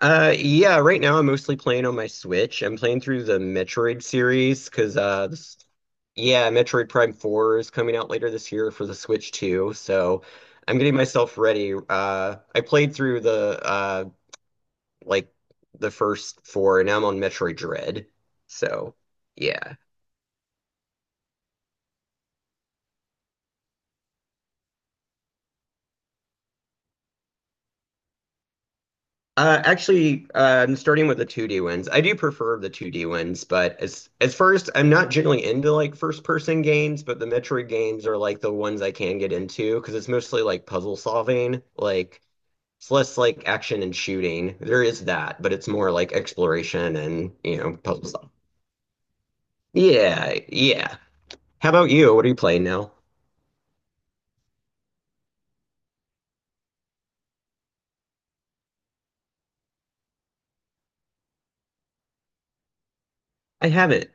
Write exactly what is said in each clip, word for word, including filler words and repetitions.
Uh, yeah, right now I'm mostly playing on my Switch. I'm playing through the Metroid series because uh, this, yeah, Metroid Prime four is coming out later this year for the Switch too. So I'm getting myself ready. Uh, I played through the uh, like the first four, and now I'm on Metroid Dread. So yeah. Uh, actually, uh, I'm starting with the two D ones. I do prefer the two D ones, but as as first, I'm not generally into like first person games, but the Metroid games are like the ones I can get into because it's mostly like puzzle solving. Like it's less like action and shooting. There is that, but it's more like exploration and you know puzzle solving. Yeah, yeah. How about you? What are you playing now? I haven't.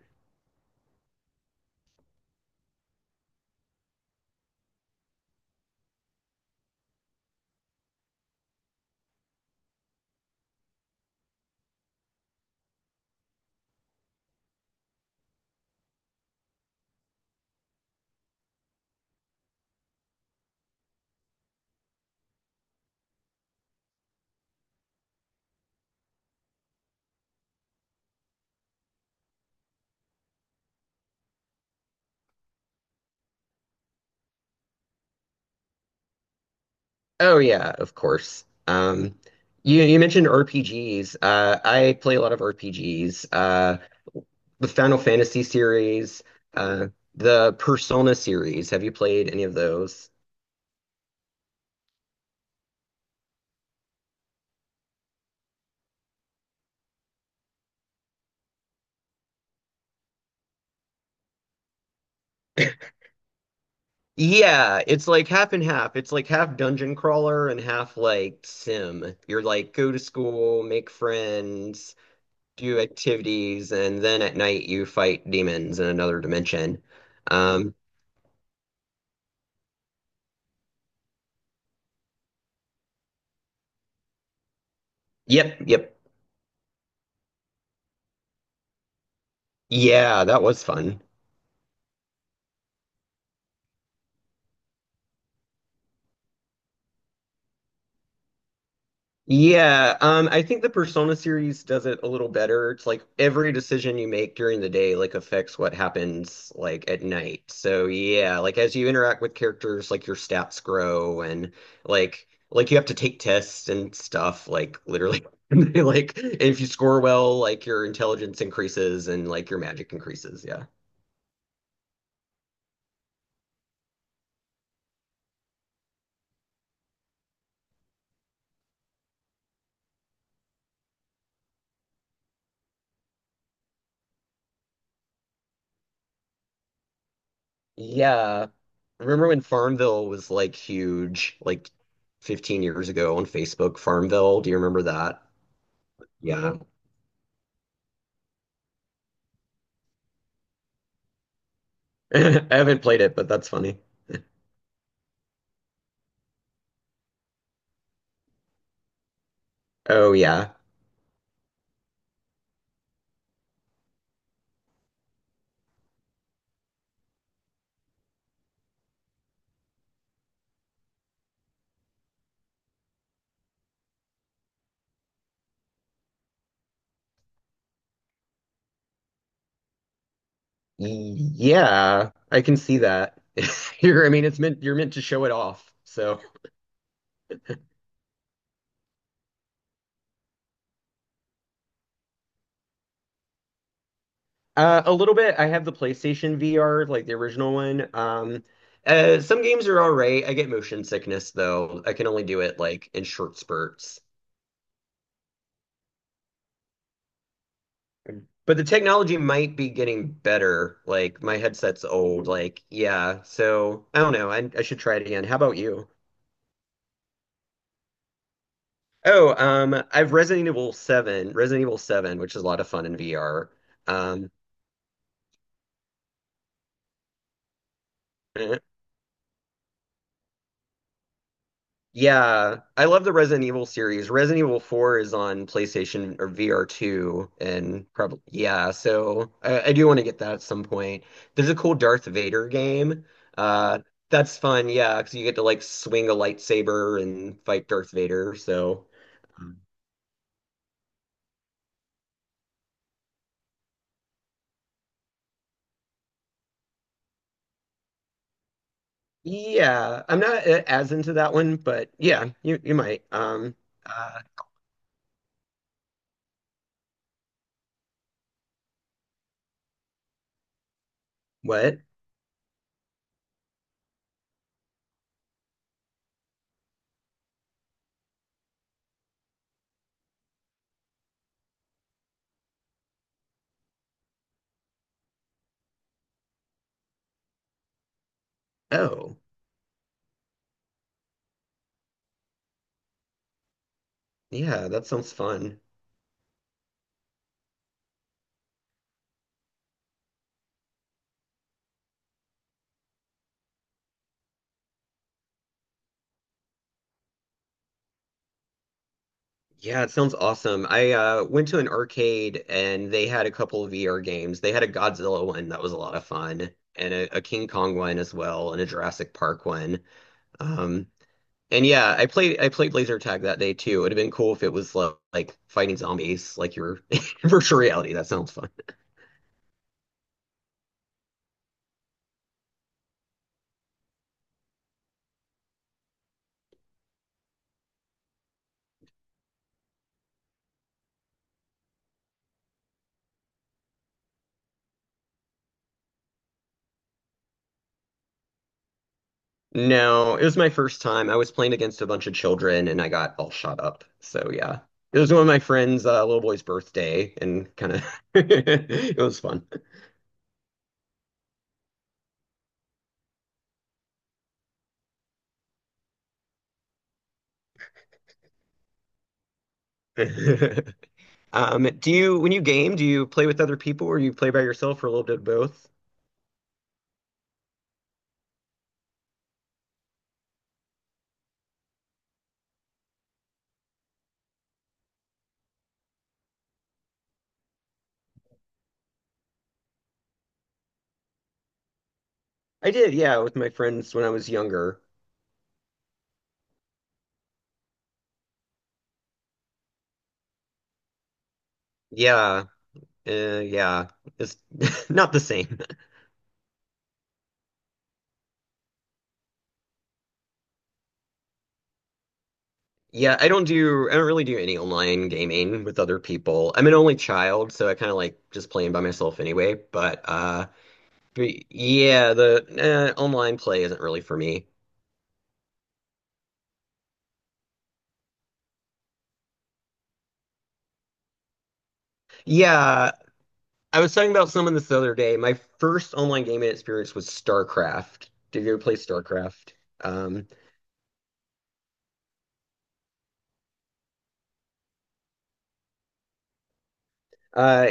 Oh yeah, of course. Um, you you mentioned R P Gs. Uh, I play a lot of R P Gs. Uh, the Final Fantasy series, uh, the Persona series. Have you played any of those? Yeah, it's like half and half. It's like half dungeon crawler and half like sim. You're like go to school, make friends, do activities, and then at night you fight demons in another dimension. Um, yep, yep. Yeah, that was fun. Yeah, um, I think the Persona series does it a little better. It's like every decision you make during the day like affects what happens like at night. So yeah, like as you interact with characters, like your stats grow and like like you have to take tests and stuff, like literally. And they, like if you score well, like your intelligence increases and like your magic increases. Yeah. Yeah. Remember when Farmville was like huge, like fifteen years ago on Facebook, Farmville? Do you remember that? Yeah. I haven't played it, but that's funny. Oh yeah. Yeah, I can see that. You're, I mean, it's meant you're meant to show it off. So, uh, a little bit. I have the PlayStation V R, like the original one. Um, uh, some games are all right. I get motion sickness though. I can only do it like in short spurts. But the technology might be getting better. Like my headset's old. Like yeah. So I don't know. I I should try it again. How about you? Oh, um, I've Resident Evil seven, Resident Evil seven, which is a lot of fun in V R. Um, eh, yeah, I love the Resident Evil series. Resident Evil four is on PlayStation or V R two, and probably, yeah, so I, I do want to get that at some point. There's a cool Darth Vader game. Uh, that's fun, yeah, because you get to like swing a lightsaber and fight Darth Vader. So, yeah, I'm not uh, as into that one, but yeah, you, you might. Um, uh, what? Oh, yeah, that sounds fun. Yeah, it sounds awesome. I uh, went to an arcade and they had a couple of V R games. They had a Godzilla one that was a lot of fun, and a, a King Kong one as well, and a Jurassic Park one. Um, and yeah, I played I played laser tag that day too. It would have been cool if it was like, like fighting zombies, like your virtual reality. That sounds fun. No, it was my first time. I was playing against a bunch of children and I got all shot up. So yeah. It was one of my friend's uh, little boy's birthday and kind of it was fun. Um, do you when you game, do you play with other people or you play by yourself or a little bit of both? I did, yeah, with my friends when I was younger. Yeah. Uh, yeah. It's not the same. Yeah, I don't do I don't really do any online gaming with other people. I'm an only child, so I kind of like just playing by myself anyway, but uh But yeah, the uh, online play isn't really for me. Yeah, I was talking about someone this other day. My first online gaming experience was StarCraft. Did you ever play StarCraft? Um, uh,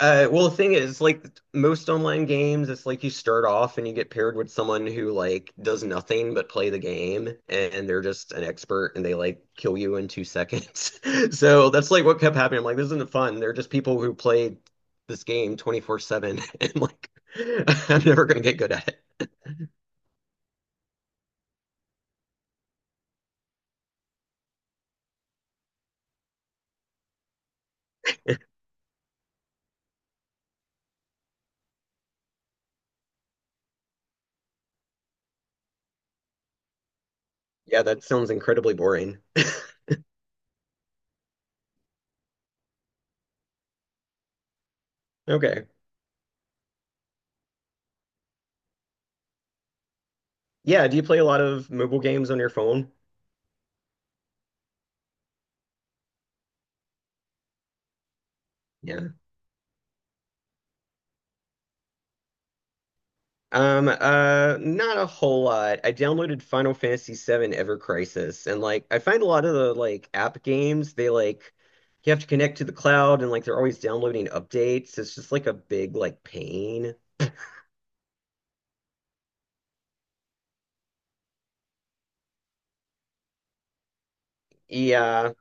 Uh, well, the thing is, like most online games, it's like you start off and you get paired with someone who like does nothing but play the game, and they're just an expert, and they like kill you in two seconds. So that's like what kept happening. I'm like, this isn't fun. They're just people who played this game twenty-four seven, and like I'm never gonna get good at it. Yeah, that sounds incredibly boring. Okay. Yeah, do you play a lot of mobile games on your phone? Yeah. Um, uh, not a whole lot. I downloaded Final Fantasy seven Ever Crisis, and like I find a lot of the like app games, they like you have to connect to the cloud and like they're always downloading updates. It's just like a big like pain. Yeah.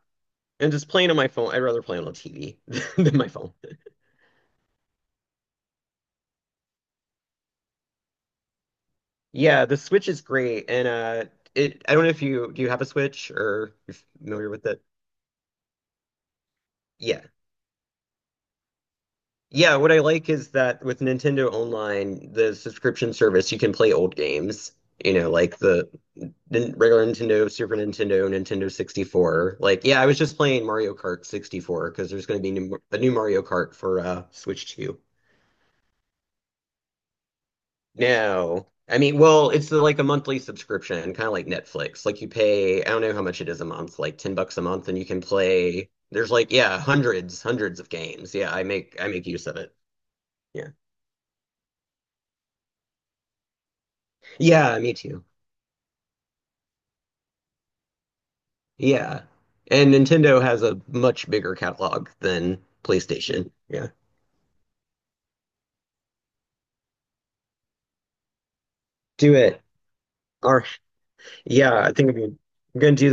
And just playing on my phone, I'd rather play on a T V than my phone. Yeah, the Switch is great, and uh, it I don't know if you do you have a Switch or you're familiar with it. Yeah. Yeah, what I like is that with Nintendo Online, the subscription service, you can play old games, you know, like the nin- regular Nintendo, Super Nintendo, Nintendo sixty-four. Like, yeah, I was just playing Mario Kart sixty-four because there's going to be new, a new Mario Kart for uh, Switch two. No. I mean, well, it's the, like a monthly subscription, kind of like Netflix. Like you pay, I don't know how much it is a month, like 10 bucks a month and you can play there's like yeah, hundreds, hundreds of games. Yeah, I make I make use of it. Yeah. Yeah, me too. Yeah. And Nintendo has a much bigger catalog than PlayStation. Yeah. Do it. Or yeah, I think I'm gonna I'm gonna do this.